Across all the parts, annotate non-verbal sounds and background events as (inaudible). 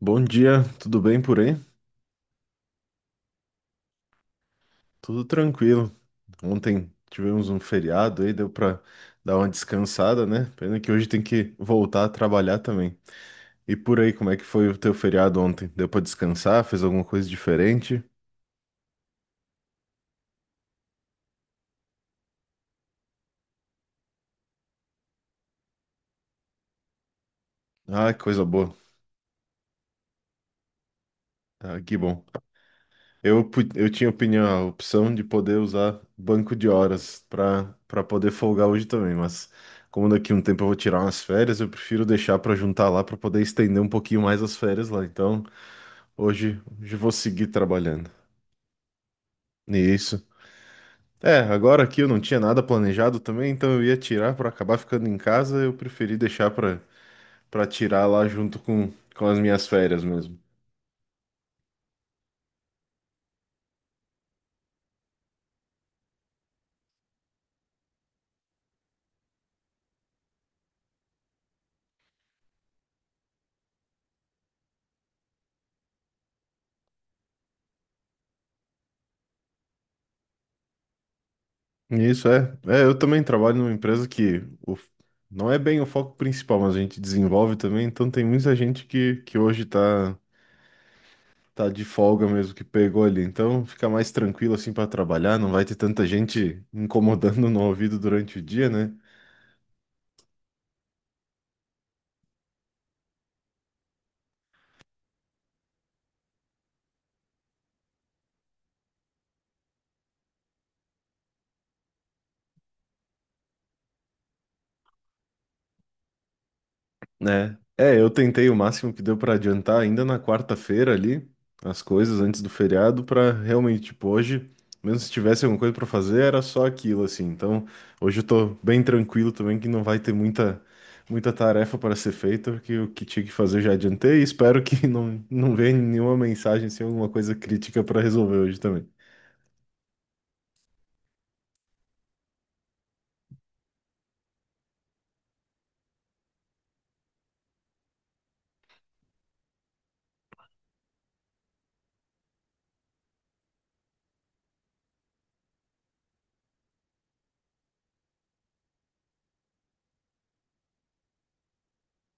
Bom dia, tudo bem por aí? Tudo tranquilo. Ontem tivemos um feriado aí, deu pra dar uma descansada, né? Pena que hoje tem que voltar a trabalhar também. E por aí, como é que foi o teu feriado ontem? Deu pra descansar? Fez alguma coisa diferente? Ah, que coisa boa. Ah, que bom. Eu tinha opinião, a opção de poder usar banco de horas pra para poder folgar hoje também, mas como daqui a um tempo eu vou tirar umas férias, eu prefiro deixar pra juntar lá pra poder estender um pouquinho mais as férias lá. Então. Hoje vou seguir trabalhando isso. É, agora aqui eu não tinha nada planejado também, então eu ia tirar para acabar ficando em casa, eu preferi deixar para tirar lá junto com as minhas férias mesmo. Isso é. É, eu também trabalho numa empresa que o, não é bem o foco principal, mas a gente desenvolve também, então tem muita gente que hoje tá de folga mesmo que pegou ali, então fica mais tranquilo assim para trabalhar, não vai ter tanta gente incomodando (laughs) no ouvido durante o dia, né? É, eu tentei o máximo que deu pra adiantar ainda na quarta-feira ali, as coisas antes do feriado, pra realmente, tipo, hoje, mesmo se tivesse alguma coisa pra fazer, era só aquilo, assim. Então, hoje eu tô bem tranquilo também, que não vai ter muita, muita tarefa para ser feita, porque o que tinha que fazer eu já adiantei e espero que (laughs) não, não venha nenhuma mensagem, sem alguma coisa crítica pra resolver hoje também.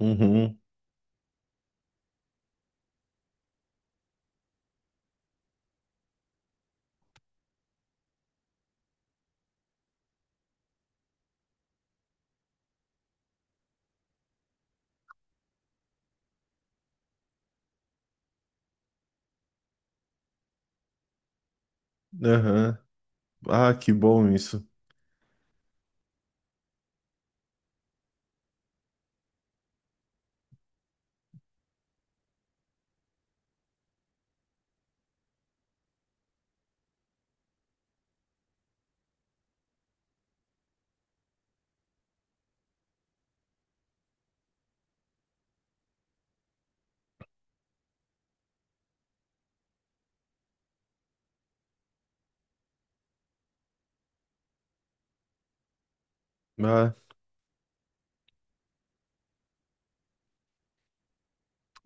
Uhum. Aham. Ah, que bom isso. Ah.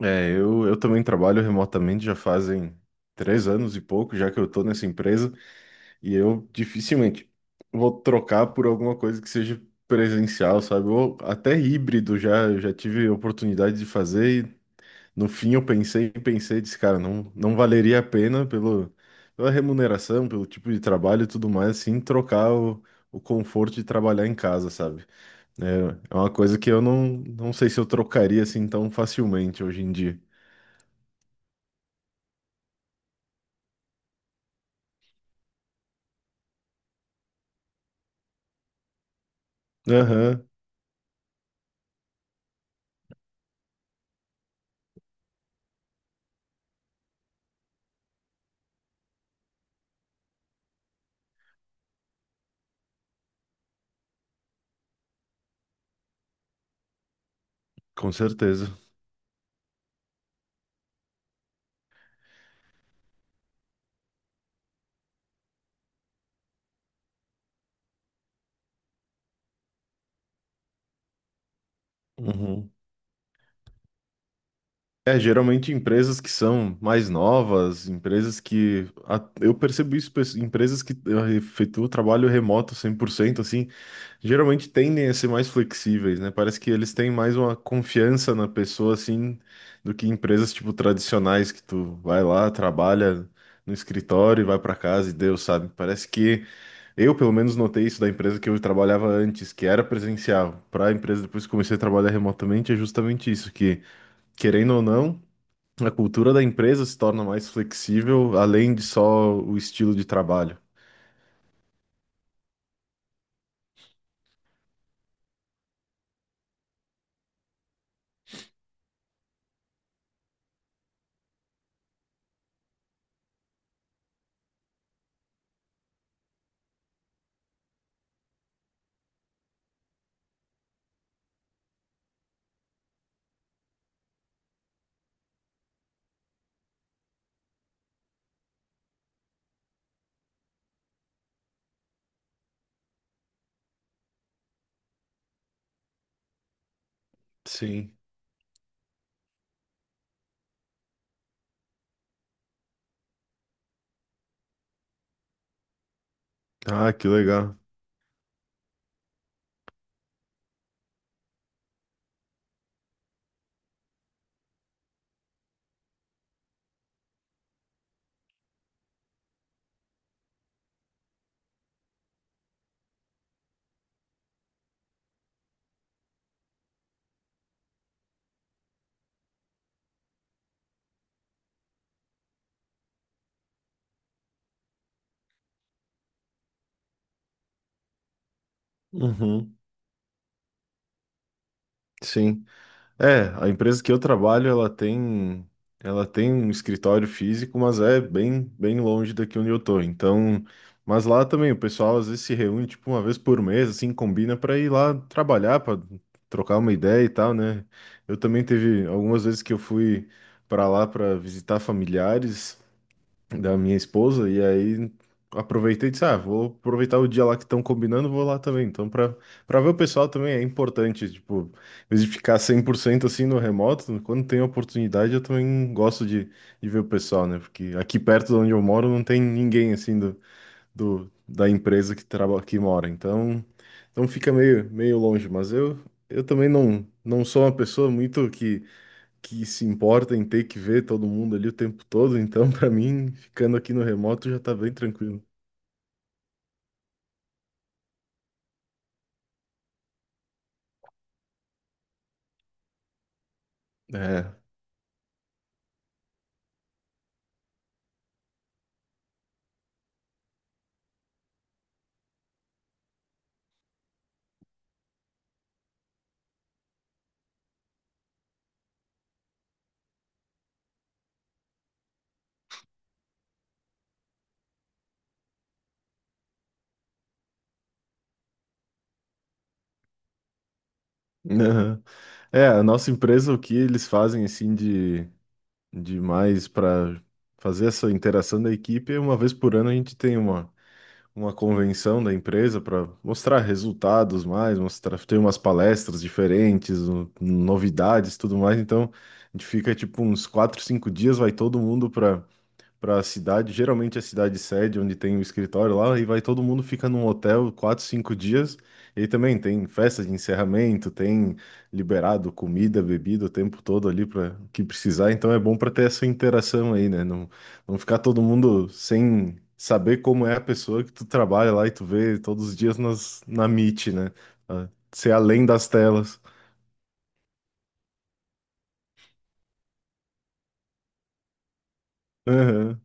É, eu também trabalho remotamente já fazem 3 anos e pouco, já que eu tô nessa empresa, e eu dificilmente vou trocar por alguma coisa que seja presencial, sabe? Ou até híbrido já, eu já tive oportunidade de fazer, e no fim eu pensei, pensei, disse, cara, não, não valeria a pena pelo, pela remuneração, pelo tipo de trabalho e tudo mais, assim, trocar o conforto de trabalhar em casa, sabe? É, é uma coisa que eu não, não sei se eu trocaria assim tão facilmente hoje em dia. Aham, com certeza. Uhum. É, geralmente empresas que são mais novas, empresas que, eu percebo isso, empresas que efetuam trabalho remoto 100%, assim, geralmente tendem a ser mais flexíveis, né? Parece que eles têm mais uma confiança na pessoa, assim, do que empresas, tipo, tradicionais, que tu vai lá, trabalha no escritório e vai pra casa e deu, sabe? Parece que eu, pelo menos, notei isso da empresa que eu trabalhava antes, que era presencial, para a empresa depois que comecei a trabalhar remotamente, é justamente isso, que, querendo ou não, a cultura da empresa se torna mais flexível, além de só o estilo de trabalho. Sim. Ah, que legal. Uhum. Sim. É, a empresa que eu trabalho, ela tem um escritório físico, mas é bem, bem longe daqui onde eu tô. Então, mas lá também o pessoal às vezes se reúne tipo uma vez por mês, assim, combina para ir lá trabalhar, para trocar uma ideia e tal, né? Eu também teve algumas vezes que eu fui para lá para visitar familiares da minha esposa, e aí aproveitei e disse, ah, vou aproveitar o dia lá que estão combinando, vou lá também. Então, para ver o pessoal também é importante, tipo, em vez de ficar 100% assim no remoto, quando tem oportunidade eu também gosto de ver o pessoal, né? Porque aqui perto de onde eu moro não tem ninguém assim do, do da empresa que trabalha que mora. então, fica meio longe, mas eu também não, não sou uma pessoa muito que se importa em ter que ver todo mundo ali o tempo todo, então (laughs) pra mim, ficando aqui no remoto já tá bem tranquilo. É. (laughs) Aham. É, a nossa empresa, o que eles fazem assim de mais para fazer essa interação da equipe, é uma vez por ano a gente tem uma convenção da empresa para mostrar resultados mais, mostrar, tem umas palestras diferentes, novidades, tudo mais. Então, a gente fica tipo uns 4, 5 dias, vai todo mundo para a cidade, geralmente a cidade sede, onde tem o escritório lá, e vai todo mundo fica num hotel 4, 5 dias. E aí também tem festa de encerramento, tem liberado comida, bebida o tempo todo ali para que precisar. Então é bom para ter essa interação aí, né? Não, não ficar todo mundo sem saber como é a pessoa que tu trabalha lá e tu vê todos os dias na Meet, né? Ah, ser além das telas. Aham.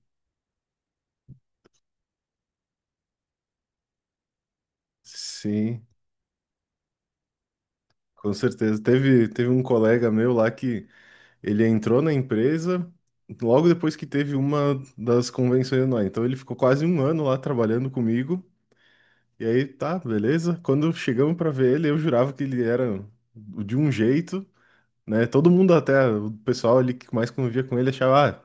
Sim, com certeza. Teve um colega meu lá que ele entrou na empresa logo depois que teve uma das convenções anuais. Então ele ficou quase um ano lá trabalhando comigo. E aí, tá, beleza. Quando chegamos para ver ele, eu jurava que ele era de um jeito, né? Todo mundo, até o pessoal ali que mais convivia com ele, achava,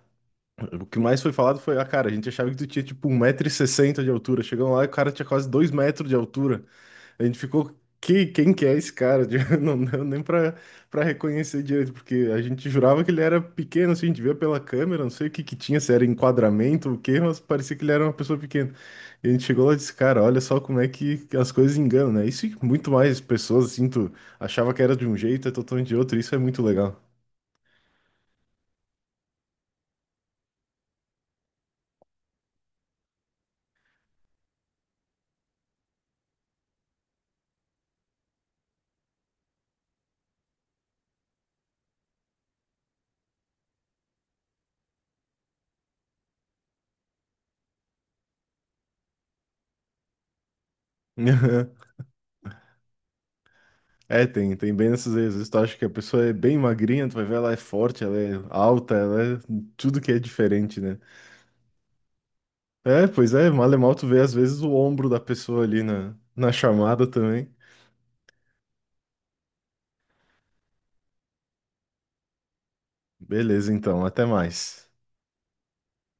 ah, o que mais foi falado foi, ah, cara, a gente achava que tu tinha tipo 1,60 m de altura. Chegamos lá e o cara tinha quase 2 metros de altura. A gente ficou, que, quem que é esse cara? (laughs) Não deu nem pra reconhecer direito, porque a gente jurava que ele era pequeno, assim, a gente via pela câmera, não sei o que que tinha, se era enquadramento ou o quê, mas parecia que ele era uma pessoa pequena. E a gente chegou lá e disse, cara, olha só como é que as coisas enganam, né? Isso e muito mais pessoas, assim, tu achava que era de um jeito, é totalmente de outro, isso é muito legal. (laughs) É, tem bem nessas vezes. Às vezes tu acha que a pessoa é bem magrinha, tu vai ver, ela é forte, ela é alta, ela é tudo que é diferente, né? É, pois é, mal e mal tu vê às vezes o ombro da pessoa ali na chamada também. Beleza, então, até mais.